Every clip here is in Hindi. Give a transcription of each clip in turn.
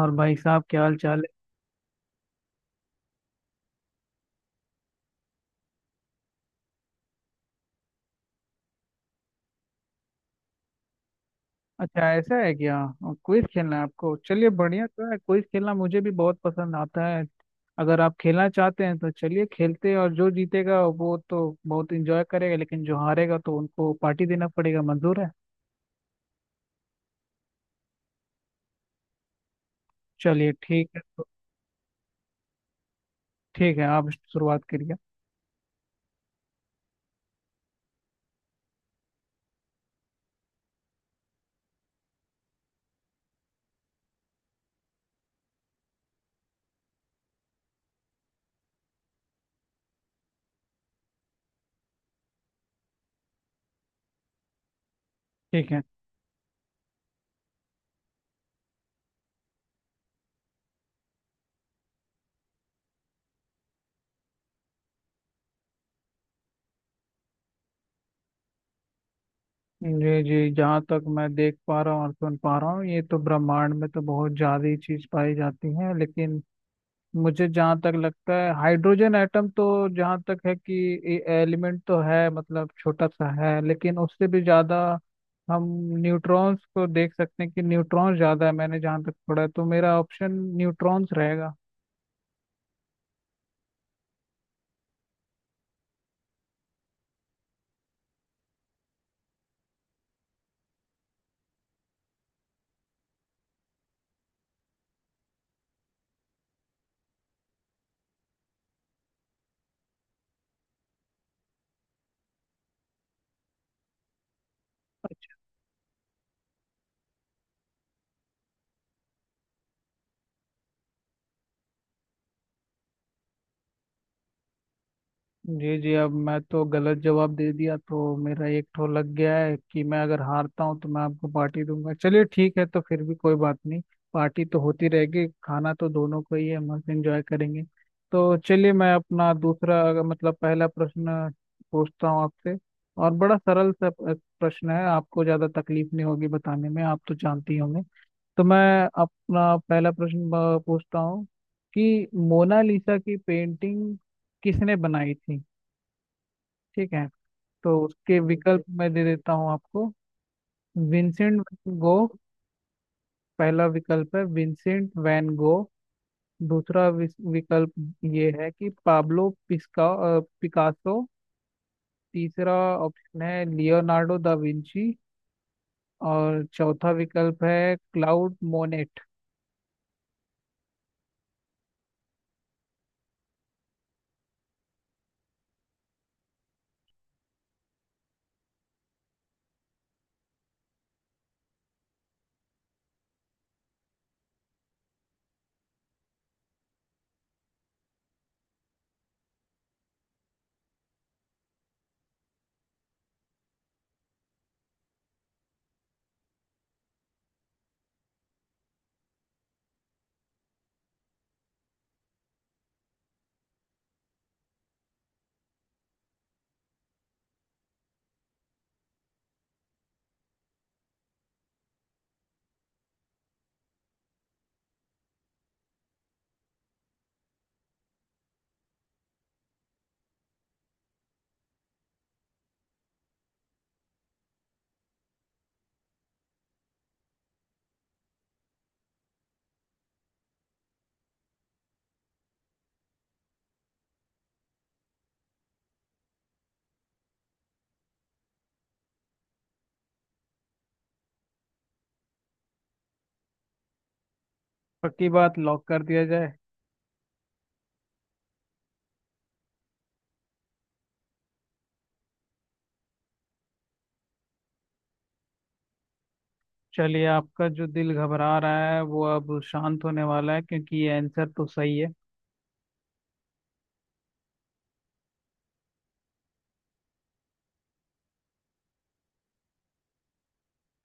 और भाई साहब, क्या हाल चाल है? अच्छा, ऐसा है क्या? क्विज खेलना है आपको? चलिए, बढ़िया तो है, क्विज खेलना मुझे भी बहुत पसंद आता है। अगर आप खेलना चाहते हैं तो चलिए खेलते हैं, और जो जीतेगा वो तो बहुत इंजॉय करेगा, लेकिन जो हारेगा तो उनको पार्टी देना पड़ेगा। मंजूर है? चलिए ठीक है तो। ठीक है, आप शुरुआत करिए। ठीक है। जी जी, जहाँ तक मैं देख पा रहा हूँ और सुन पा रहा हूँ, ये तो ब्रह्मांड में तो बहुत ज्यादा ही चीज पाई जाती है, लेकिन मुझे जहाँ तक लगता है, हाइड्रोजन एटम तो, जहाँ तक है कि, एलिमेंट तो है, मतलब छोटा सा है, लेकिन उससे भी ज़्यादा हम न्यूट्रॉन्स को देख सकते हैं कि न्यूट्रॉन्स ज़्यादा है। मैंने जहाँ तक पढ़ा है तो मेरा ऑप्शन न्यूट्रॉन्स रहेगा। जी जी, अब मैं तो गलत जवाब दे दिया, तो मेरा एक ठो लग गया है कि मैं अगर हारता हूँ तो मैं आपको पार्टी दूंगा। चलिए ठीक है, तो फिर भी कोई बात नहीं। पार्टी तो होती रहेगी, खाना तो दोनों को ही है, मस्त एंजॉय करेंगे। तो चलिए, मैं अपना दूसरा अगर- मतलब पहला प्रश्न पूछता हूँ आपसे। और बड़ा सरल सा प्रश्न है, आपको ज्यादा तकलीफ नहीं होगी बताने में, आप तो जानती होंगे। तो मैं अपना पहला प्रश्न पूछता हूँ कि मोनालिसा की पेंटिंग किसने बनाई थी। ठीक है। तो उसके विकल्प मैं दे देता हूँ आपको। Vincent Van Gogh. पहला विकल्प है विंसेंट वैन गो। दूसरा विकल्प ये है कि पाब्लो पिकासो। तीसरा ऑप्शन है लियोनार्डो दा विंची। और चौथा विकल्प है क्लाउड मोनेट। पक्की बात, लॉक कर दिया जाए। चलिए, आपका जो दिल घबरा रहा है वो अब शांत होने वाला है, क्योंकि ये आंसर तो सही है।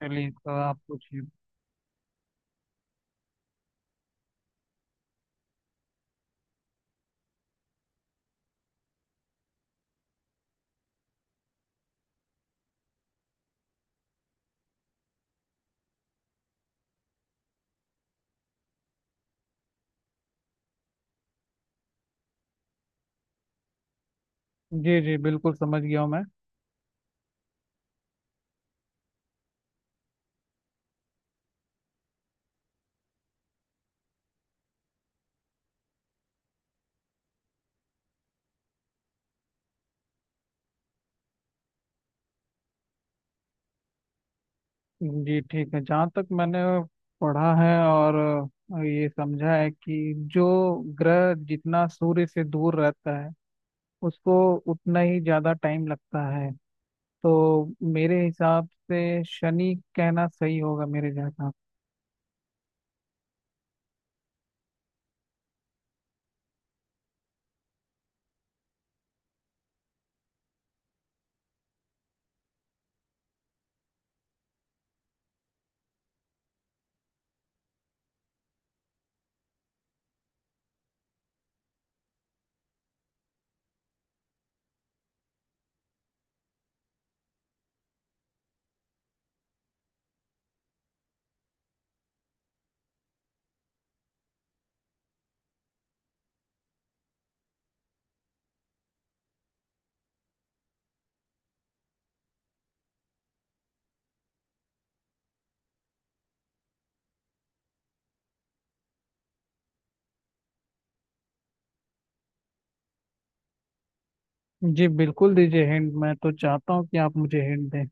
चलिए, तो आप पूछिए। जी जी, बिल्कुल समझ गया हूँ मैं। जी ठीक है। जहाँ तक मैंने पढ़ा है और ये समझा है कि जो ग्रह जितना सूर्य से दूर रहता है, उसको उतना ही ज़्यादा टाइम लगता है, तो मेरे हिसाब से शनि कहना सही होगा। मेरे जहाँ जी, बिल्कुल दीजिए हिंट। मैं तो चाहता हूँ कि आप मुझे हिंट दें।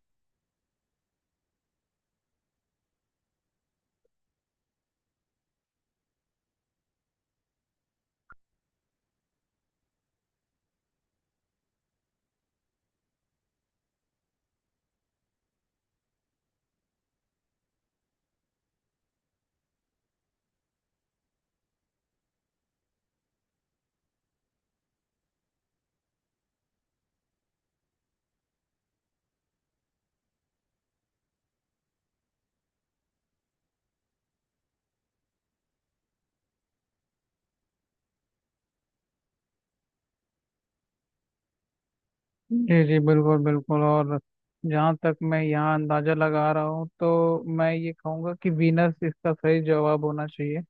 जी जी, बिल्कुल बिल्कुल। और जहाँ तक मैं यहाँ अंदाज़ा लगा रहा हूँ, तो मैं ये कहूँगा कि वीनस इसका सही जवाब होना चाहिए।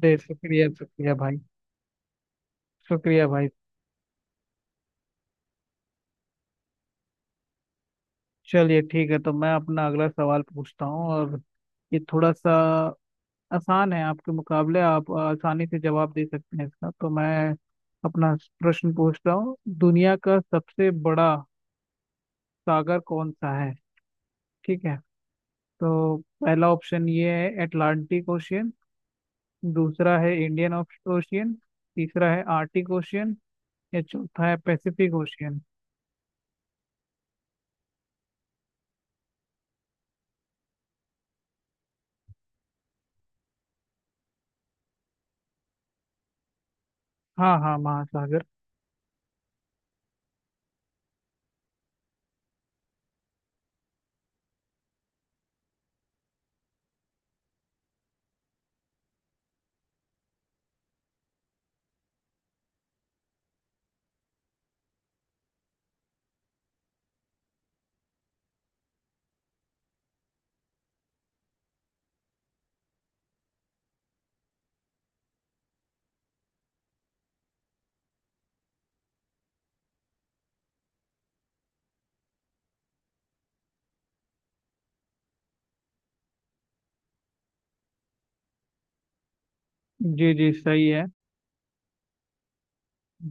जी, शुक्रिया शुक्रिया भाई। शुक्रिया भाई। चलिए ठीक है, तो मैं अपना अगला सवाल पूछता हूँ। और ये थोड़ा सा आसान है आपके मुकाबले, आप आसानी से जवाब दे सकते हैं इसका। तो मैं अपना प्रश्न पूछ रहा हूँ, दुनिया का सबसे बड़ा सागर कौन सा है? ठीक है। तो पहला ऑप्शन ये है अटलांटिक ओशियन। दूसरा है इंडियन ओशियन। तीसरा है आर्टिक ओशियन। या चौथा है पैसिफिक ओशियन। हाँ हाँ, महासागर। जी जी, सही है।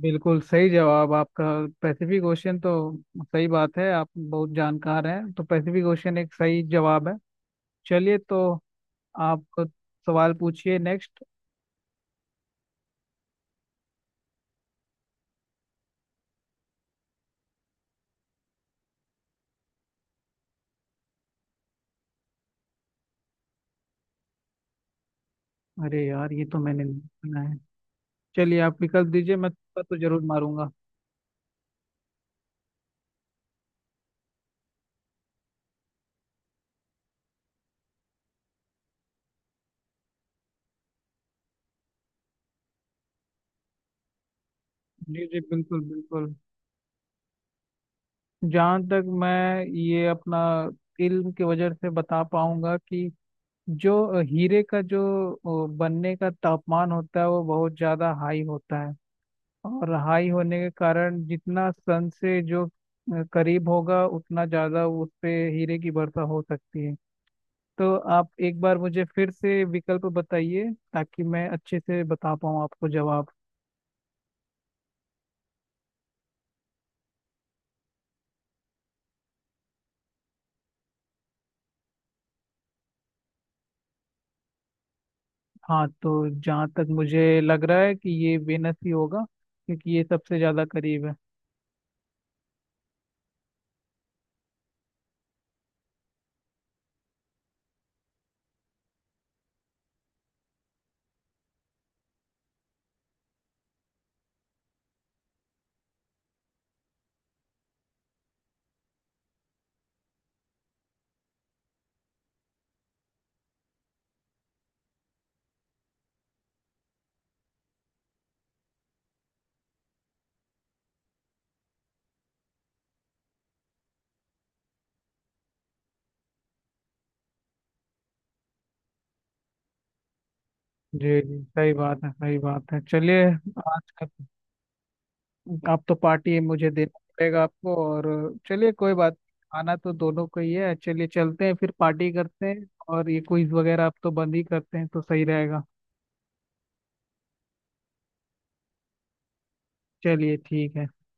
बिल्कुल सही जवाब आपका। पैसिफिक ओशियन तो सही बात है। आप बहुत जानकार हैं, तो पैसिफिक ओशियन एक सही जवाब है। चलिए, तो आप सवाल पूछिए नेक्स्ट। अरे यार, ये तो मैंने नहीं सुना है। चलिए, आप विकल्प दीजिए, मैं तुक्का तो जरूर मारूंगा। जी जी, बिल्कुल बिल्कुल। जहाँ तक मैं ये अपना इल्म की वजह से बता पाऊंगा कि जो हीरे का जो बनने का तापमान होता है, वो बहुत ज्यादा हाई होता है। और हाई होने के कारण, जितना सन से जो करीब होगा, उतना ज्यादा उस पे हीरे की वर्षा हो सकती है। तो आप एक बार मुझे फिर से विकल्प बताइए, ताकि मैं अच्छे से बता पाऊँ आपको जवाब। हाँ, तो जहाँ तक मुझे लग रहा है कि ये वेनस ही होगा, क्योंकि ये सबसे ज्यादा करीब है। जी जी, सही बात है, सही बात है। चलिए। आज का, अब तो पार्टी मुझे देना पड़ेगा आपको। और चलिए, कोई बात नहीं, खाना तो दोनों को ही है। चलिए चलते हैं, फिर पार्टी करते हैं। और ये क्विज वगैरह अब तो बंद ही करते हैं तो सही रहेगा। चलिए ठीक है।